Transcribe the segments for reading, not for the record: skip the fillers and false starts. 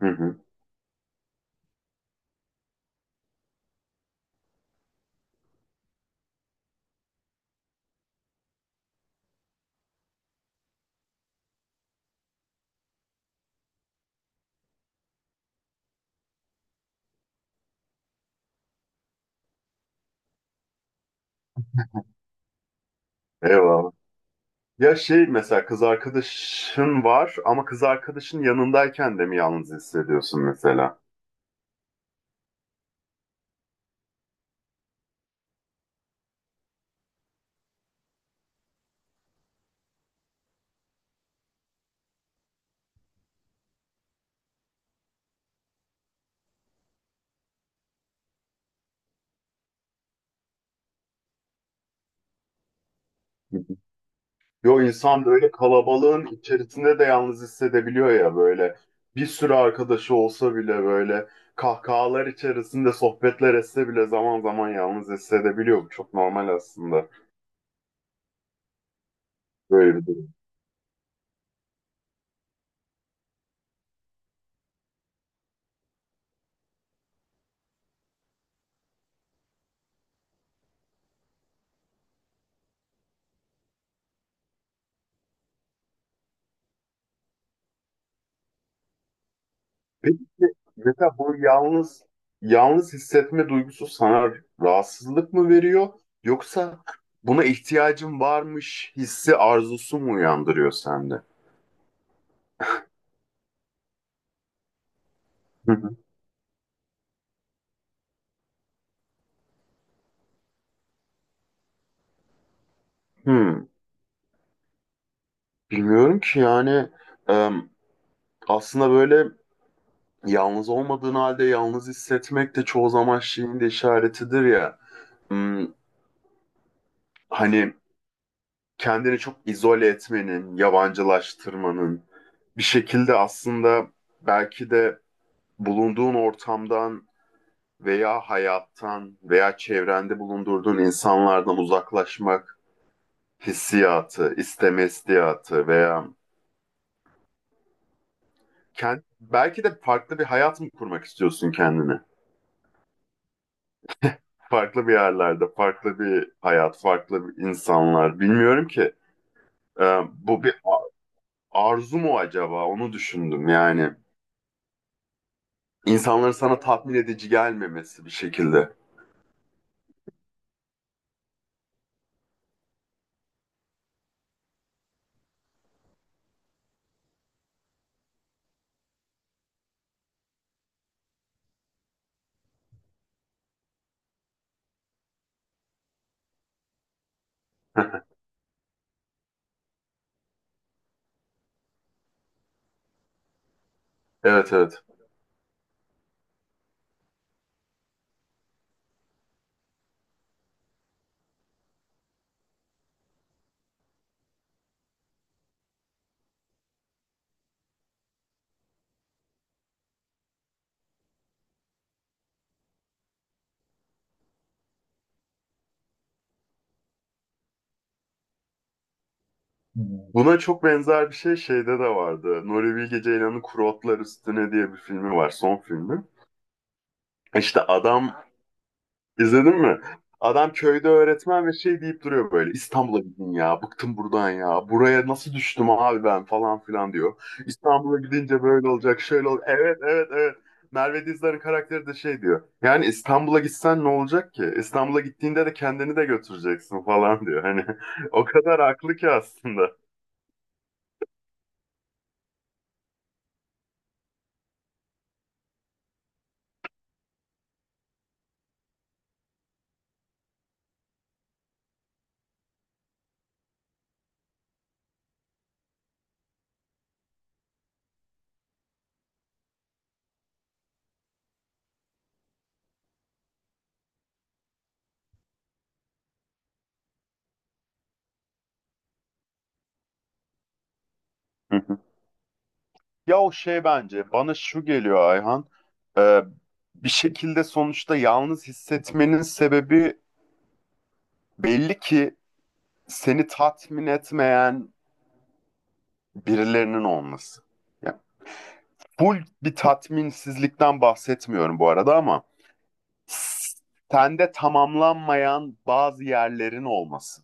Hı hı. Eyvallah. Ya şey mesela kız arkadaşın var ama kız arkadaşın yanındayken de mi yalnız hissediyorsun mesela? Hı hı. Yo insan böyle kalabalığın içerisinde de yalnız hissedebiliyor ya böyle. Bir sürü arkadaşı olsa bile böyle kahkahalar içerisinde sohbetler etse bile zaman zaman yalnız hissedebiliyor. Bu çok normal aslında böyle bir durum. Peki mesela bu yalnız yalnız hissetme duygusu sana rahatsızlık mı veriyor yoksa buna ihtiyacın varmış hissi arzusu mu uyandırıyor sende? Hı hı. Hmm, bilmiyorum ki yani em, aslında böyle yalnız olmadığın halde yalnız hissetmek de çoğu zaman şeyin de işaretidir ya. Hmm, hani kendini çok izole etmenin, yabancılaştırmanın bir şekilde aslında belki de bulunduğun ortamdan veya hayattan veya çevrende bulundurduğun insanlardan uzaklaşmak hissiyatı, isteme hissiyatı veya belki de farklı bir hayat mı kurmak istiyorsun kendine? Farklı bir yerlerde, farklı bir hayat, farklı bir insanlar. Bilmiyorum ki. Bu bir arzu mu acaba? Onu düşündüm yani. İnsanların sana tatmin edici gelmemesi bir şekilde. Evet, evet. Buna çok benzer bir şey şeyde de vardı. Nuri Bilge Ceylan'ın Kuru Otlar Üstüne diye bir filmi var. Son filmi. İşte adam izledin mi? Adam köyde öğretmen ve şey deyip duruyor böyle. İstanbul'a gidin ya. Bıktım buradan ya. Buraya nasıl düştüm abi ben falan filan diyor. İstanbul'a gidince böyle olacak. Şöyle ol. Evet, evet, evet. Merve Dizdar'ın karakteri de şey diyor. Yani İstanbul'a gitsen ne olacak ki? İstanbul'a gittiğinde de kendini de götüreceksin falan diyor. Hani o kadar haklı ki aslında. Ya o şey bence bana şu geliyor, Ayhan. Ee, bir şekilde sonuçta yalnız hissetmenin sebebi belli ki seni tatmin etmeyen birilerinin olması. Yani full bir tatminsizlikten bahsetmiyorum bu arada ama s- sende tamamlanmayan bazı yerlerin olması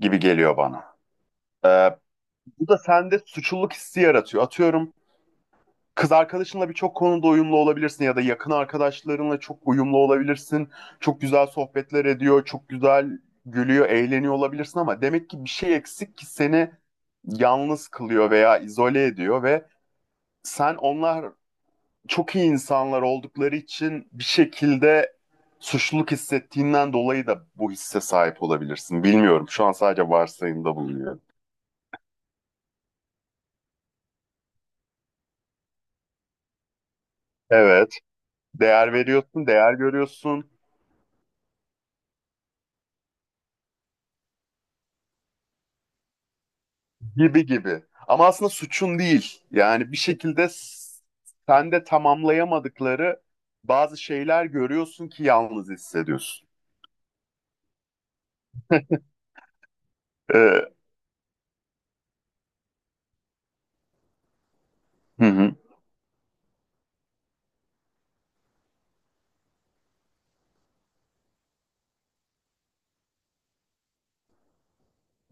gibi geliyor bana. Ee, bu da sende suçluluk hissi yaratıyor. Atıyorum, kız arkadaşınla birçok konuda uyumlu olabilirsin ya da yakın arkadaşlarınla çok uyumlu olabilirsin. Çok güzel sohbetler ediyor, çok güzel gülüyor, eğleniyor olabilirsin ama demek ki bir şey eksik ki seni yalnız kılıyor veya izole ediyor ve sen onlar çok iyi insanlar oldukları için bir şekilde suçluluk hissettiğinden dolayı da bu hisse sahip olabilirsin. Bilmiyorum. Şu an sadece varsayımda bulunuyorum. Evet, değer veriyorsun, değer görüyorsun. Gibi gibi. Ama aslında suçun değil. Yani bir şekilde sen de tamamlayamadıkları bazı şeyler görüyorsun ki yalnız hissediyorsun. Ee, hı hı,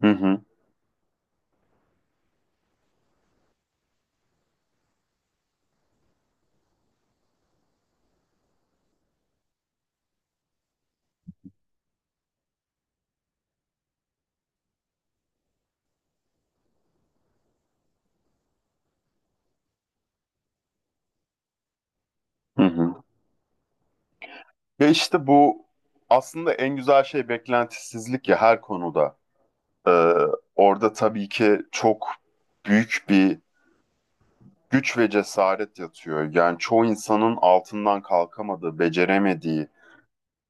hı hı, hı hı. Ve işte bu aslında en güzel şey beklentisizlik ya, her konuda. Ee, orada tabii ki çok büyük bir güç ve cesaret yatıyor. Yani çoğu insanın altından kalkamadığı, beceremediği,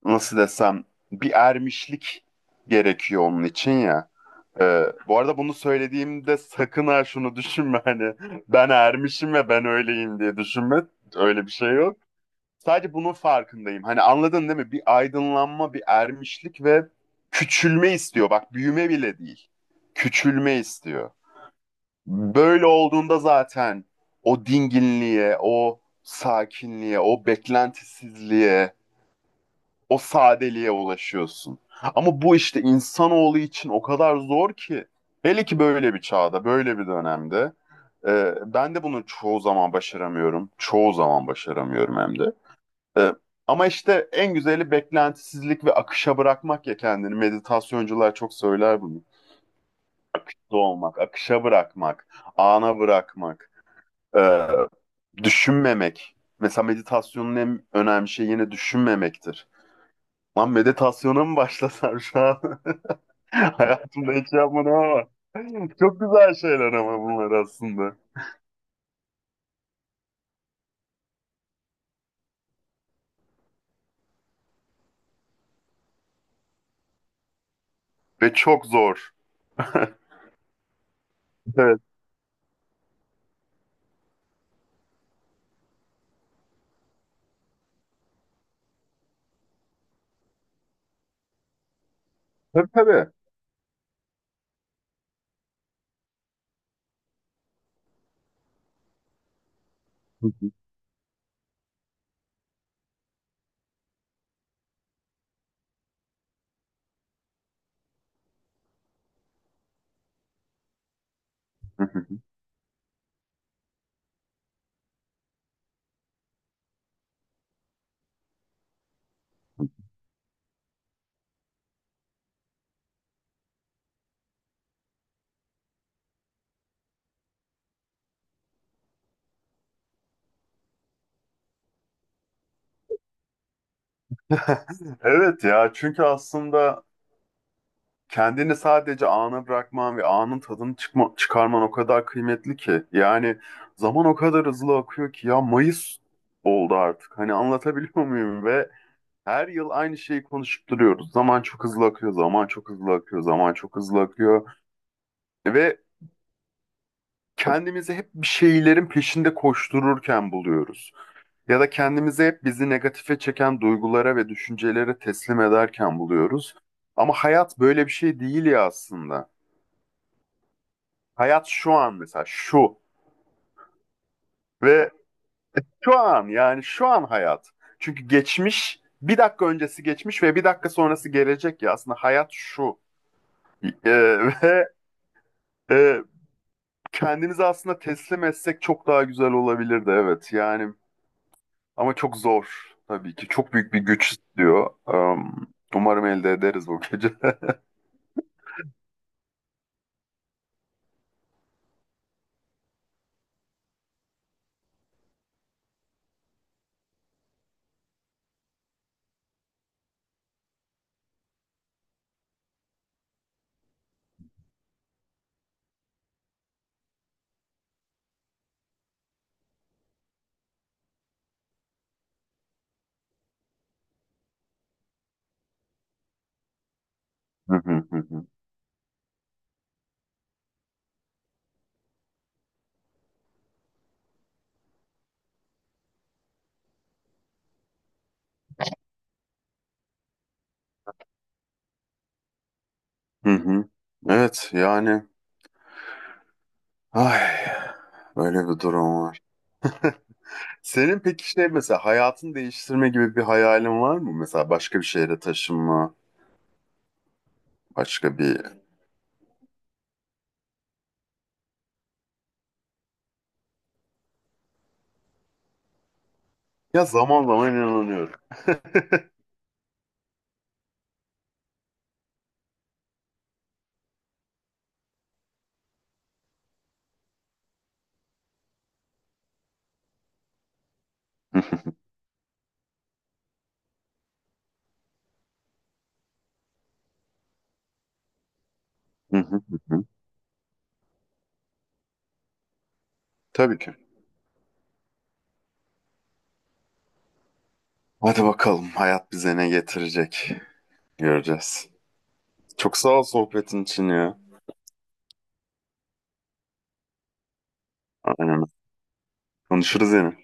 nasıl desem bir ermişlik gerekiyor onun için ya. Bu arada bunu söylediğimde sakın ha şunu düşünme, hani ben ermişim ve ben öyleyim diye düşünme. Öyle bir şey yok. Sadece bunun farkındayım. Hani anladın değil mi? Bir aydınlanma, bir ermişlik ve küçülme istiyor. Bak, büyüme bile değil. Küçülme istiyor. Böyle olduğunda zaten o dinginliğe, o sakinliğe, o beklentisizliğe, o sadeliğe ulaşıyorsun. Ama bu işte insanoğlu için o kadar zor ki. Hele ki böyle bir çağda, böyle bir dönemde. Ben de bunu çoğu zaman başaramıyorum. Çoğu zaman başaramıyorum hem de. Ee, ama işte en güzeli beklentisizlik ve akışa bırakmak ya kendini. Meditasyoncular çok söyler bunu. Doğmak, akışa bırakmak, ana bırakmak, ee, düşünmemek. Mesela meditasyonun en önemli şeyi yine düşünmemektir. Lan meditasyona mı başlasam şu an? Hayatımda hiç yapmadım ama çok güzel şeyler ama bunlar aslında. Ve çok zor. Evet. Tabii, tabii. Evet ya, çünkü aslında kendini sadece ana bırakman ve anın tadını çıkarman o kadar kıymetli ki. Yani zaman o kadar hızlı akıyor ki ya, Mayıs oldu artık. Hani anlatabiliyor muyum? Ve her yıl aynı şeyi konuşup duruyoruz. Zaman çok hızlı akıyor, zaman çok hızlı akıyor, zaman çok hızlı akıyor. Ve kendimizi hep bir şeylerin peşinde koştururken buluyoruz. Ya da kendimizi hep bizi negatife çeken duygulara ve düşüncelere teslim ederken buluyoruz. Ama hayat böyle bir şey değil ya aslında. Hayat şu an mesela şu ve şu an, yani şu an hayat. Çünkü geçmiş bir dakika öncesi geçmiş ve bir dakika sonrası gelecek ya, aslında hayat şu. Ee, ve e, kendimizi aslında teslim etsek çok daha güzel olabilirdi, evet yani. Ama çok zor tabii ki. Çok büyük bir güç istiyor. Umarım elde ederiz bu gece. Hı hı, hı hı. Hı hı. Evet yani, ay, böyle bir durum var. Senin peki şey mesela hayatını değiştirme gibi bir hayalin var mı? Mesela başka bir şehre taşınma, başka bir... Ya zaman zaman inanıyorum. Hı hı, hı hı. Tabii ki. Hadi bakalım hayat bize ne getirecek. Göreceğiz. Çok sağ ol sohbetin için ya. Aynen. Konuşuruz yine.